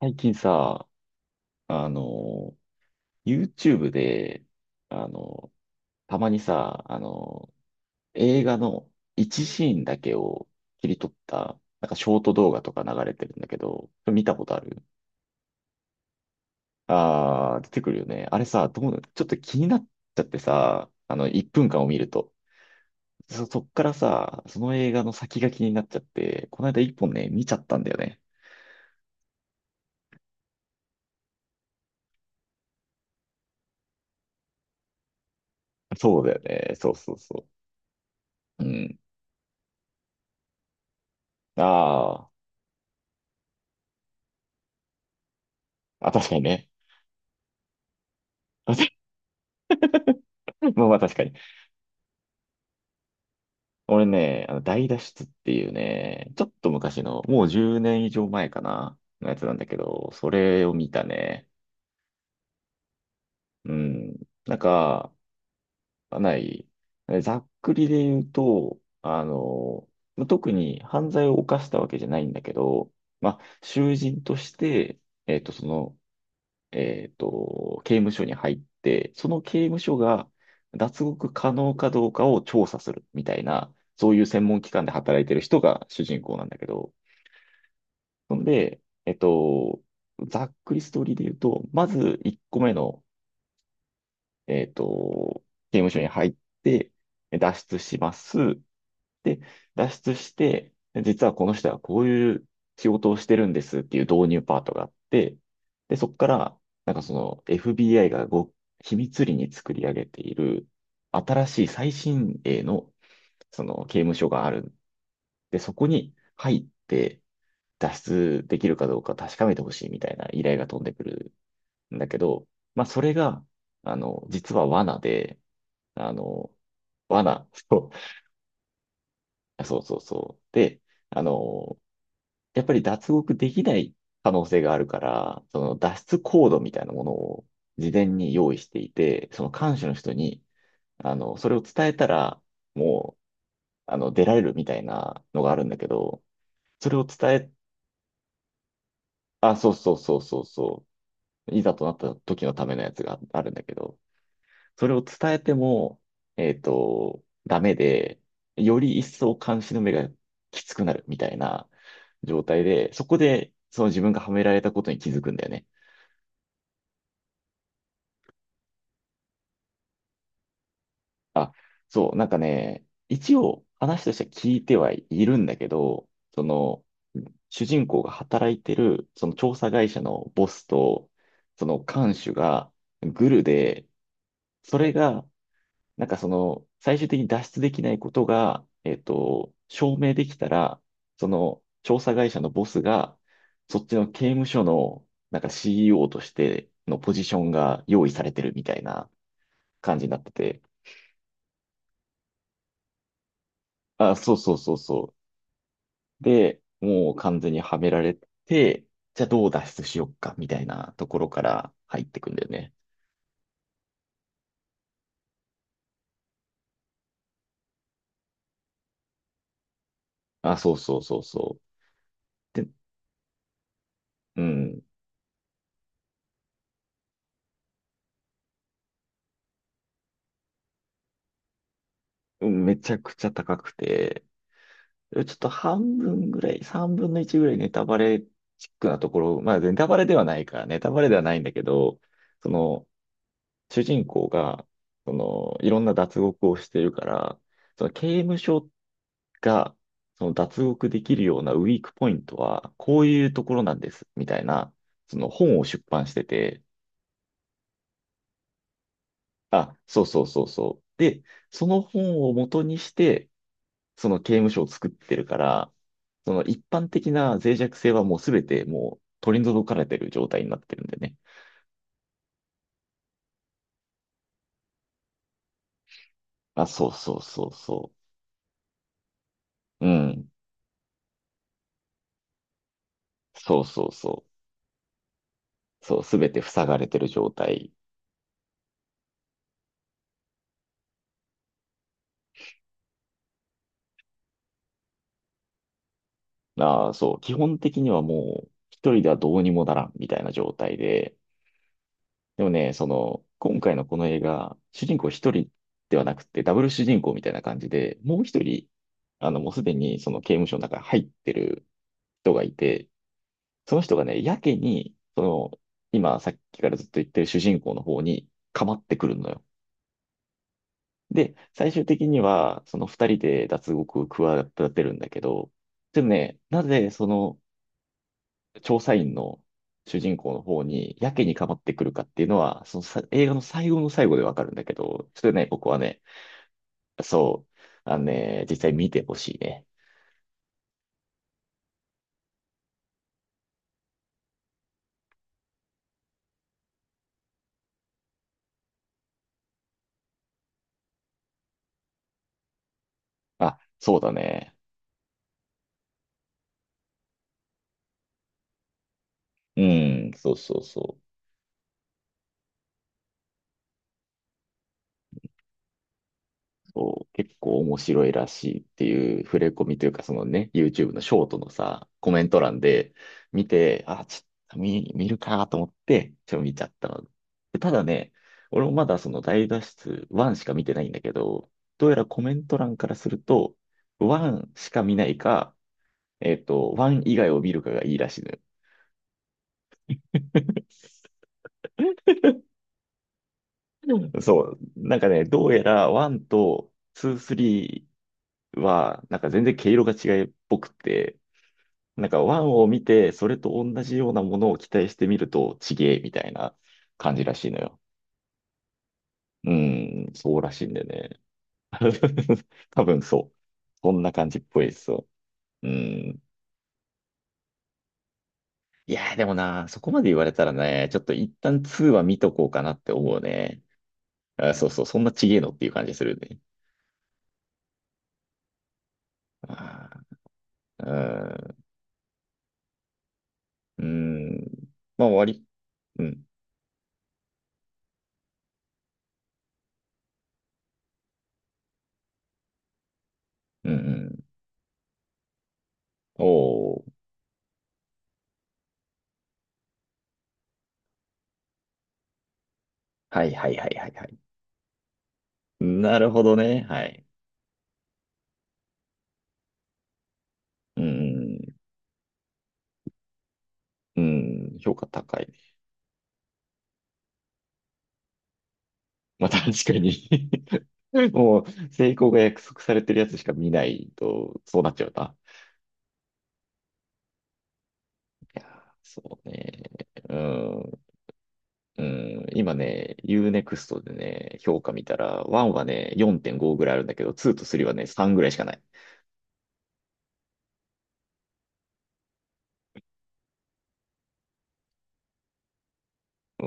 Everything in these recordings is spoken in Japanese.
最近さ、あの、YouTube で、あの、たまにさ、映画の一シーンだけを切り取った、なんかショート動画とか流れてるんだけど、それ見たことある？あー、出てくるよね。あれさ、どう、ちょっと気になっちゃってさ、1分間を見ると。そっからさ、その映画の先が気になっちゃって、この間1本ね、見ちゃったんだよね。そうだよね。そうそうそう。うん。あー、あ、確かにね。まあまあ確かに。俺ね、あの大脱出っていうね、ちょっと昔の、もう10年以上前かな、のやつなんだけど、それを見たね。うん。なんか、かない、ざっくりで言うと、特に犯罪を犯したわけじゃないんだけど、まあ、囚人として、その、刑務所に入って、その刑務所が脱獄可能かどうかを調査するみたいな、そういう専門機関で働いてる人が主人公なんだけど、ほんで、ざっくりストーリーで言うと、まず1個目の、えっと、刑務所に入って、脱出します。で、脱出して、実はこの人はこういう仕事をしてるんですっていう導入パートがあって、で、そこから、FBI が秘密裏に作り上げている新しい最新鋭のその刑務所がある。で、そこに入って脱出できるかどうか確かめてほしいみたいな依頼が飛んでくるんだけど、まあそれが、実は罠で、あの、罠、そう、そうそうそう。で、あの、やっぱり脱獄できない可能性があるから、その脱出コードみたいなものを事前に用意していて、その看守の人に、それを伝えたら、もう、出られるみたいなのがあるんだけど、それを伝え、あ、そうそうそうそうそう、いざとなった時のためのやつがあるんだけど、それを伝えても、ダメで、より一層監視の目がきつくなるみたいな状態で、そこで、その自分がはめられたことに気づくんだよね。あ、そう、なんかね、一応話としては聞いてはいるんだけど、その、主人公が働いてる、その調査会社のボスと、その看守がグルで、それが、なんかその、最終的に脱出できないことが、証明できたら、その調査会社のボスが、そっちの刑務所の、なんか CEO としてのポジションが用意されてるみたいな感じになってて、あ、そうそうそうそう。で、もう完全にはめられて、じゃあどう脱出しようか、みたいなところから入ってくんだよね。あ、そうそうそうそう。で、うん、うん、めちゃくちゃ高くて、ちょっと半分ぐらい、三分の一ぐらいネタバレチックなところ、まあネタバレではないから、ネタバレではないんだけど、その、主人公が、その、いろんな脱獄をしてるから、その刑務所が、その脱獄できるようなウィークポイントは、こういうところなんです、みたいな、その本を出版してて、あ、そうそうそうそう。で、その本を元にして、その刑務所を作ってるから、その一般的な脆弱性はもうすべてもう取り除かれてる状態になってるんでね。あ、そうそうそうそう。うん。そうそうそう。そう、すべて塞がれてる状態が、そう、基本的にはもう、一人ではどうにもならんみたいな状態で、でもね、その、今回のこの映画、主人公一人ではなくて、ダブル主人公みたいな感じで、もう一人、もうすでにその刑務所の中に入ってる人がいて、その人がね、やけに、その、今、さっきからずっと言ってる主人公の方に、かまってくるのよ。で、最終的には、その二人で脱獄を企てるんだけど、でもね、なぜその調査員の主人公の方にやけにかまってくるかっていうのは、そのさ映画の最後の最後でわかるんだけど、それね、僕はね、そう、実際見てほしいね。あ、そうだね。うん、そうそうそう。こう結構面白いらしいっていう触れ込みというか、そのね、YouTube のショートのさ、コメント欄で見て、あ、ちょっと見、るかと思って、ちょっと見ちゃったの。でただね、俺もまだその大脱出1しか見てないんだけど、どうやらコメント欄からすると、1しか見ないか、1以外を見るかがいいらしいのよ。うん、そう。なんかね、どうやら1と2、3は、なんか全然毛色が違いっぽくて、なんかワンを見て、それと同じようなものを期待してみると、ちげえみたいな感じらしいのよ。うん、そうらしいんでね。多分そう。そんな感じっぽいですよ。うん。いやーでもな、そこまで言われたらね、ちょっと一旦2は見とこうかなって思うね。あ、そうそう、そんなちげえのっていう感じするね。あー、うん。うん、まあ、終わり。うん。うん、うん。おー。はい、はい、はい、はい、はい。なるほどね。はい。うん、うん。うん、評価高いね。まあ確かに。 もう、成功が約束されてるやつしか見ないと、そうなっちゃうな。いやー、そうね。うん、うん、今ね、ユーネクストでね、評価見たら、1はね、4.5ぐらいあるんだけど、2と3はね、3ぐらいしかない。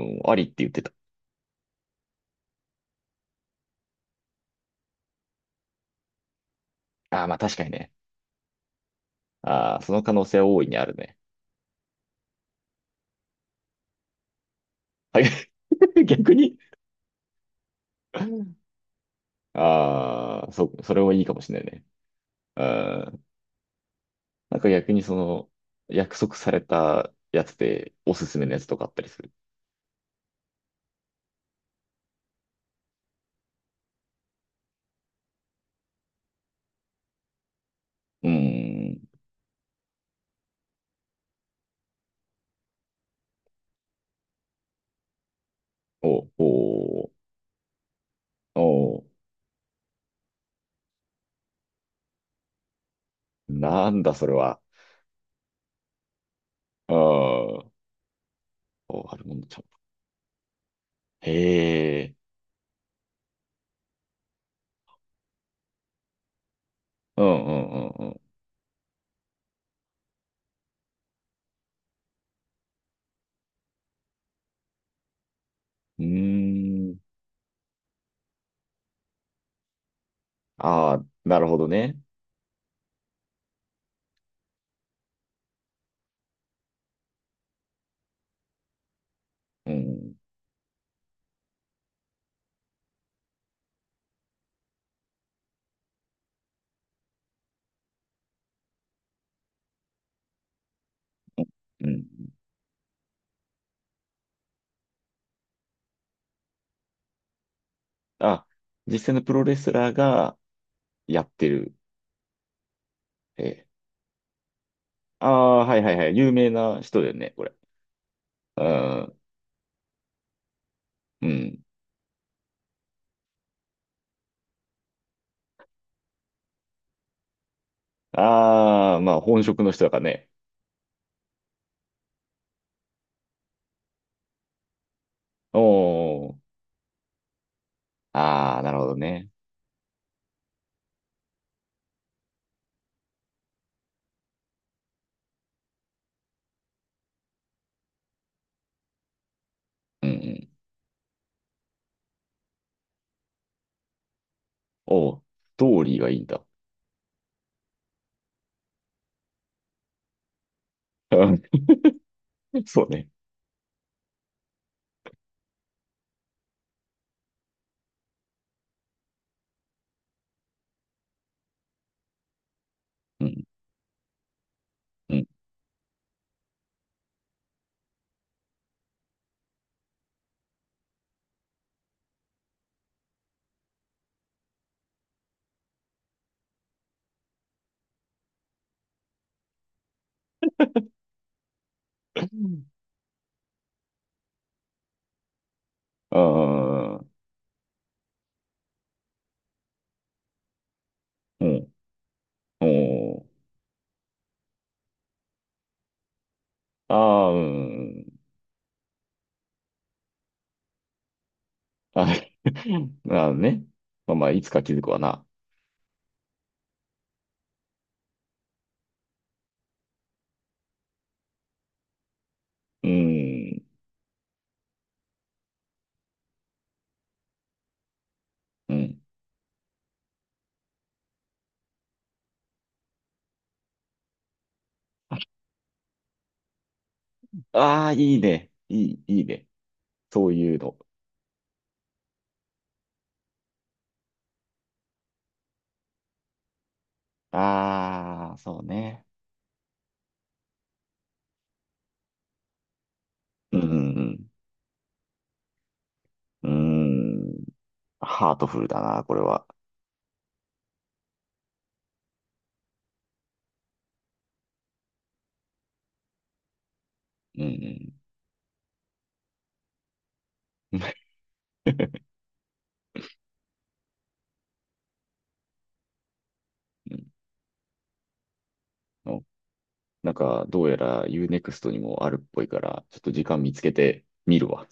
うん、ありって言ってた。ああ、まあ確かにね。ああ、その可能性は大いにあるね。はい。逆に、ああ、それはいいかもしれないね。うん、なんか逆にその、約束されたやつでおすすめのやつとかあったりする？うーん。お、お、お、なんだそれは。ああ、お、あるものちゃん。へえ。うん、うん、うん、うん。うーん。ああ、なるほどね。うん。うん。あ、実際のプロレスラーがやってる。ええ。ああ、はい、はい、はい。有名な人だよね、これ。うん。うん。ああ、まあ本職の人だからね。おー、ああ、なるほどね。うん、うん。おう、ストーリーがいいんだ。うん、そうね。うん、うん。ああ、うん、おう、ああ、うん。あ、なるほどね。まあまあ、いつか気づくわな。うん、うん。ああ、いいね。いい、いいね。そういうの。ああ、そうね。うん、うん、うん。ハートフルだな、これは。うん、うん。うん、なんか、どうやら Unext にもあるっぽいから、ちょっと時間見つけて見るわ。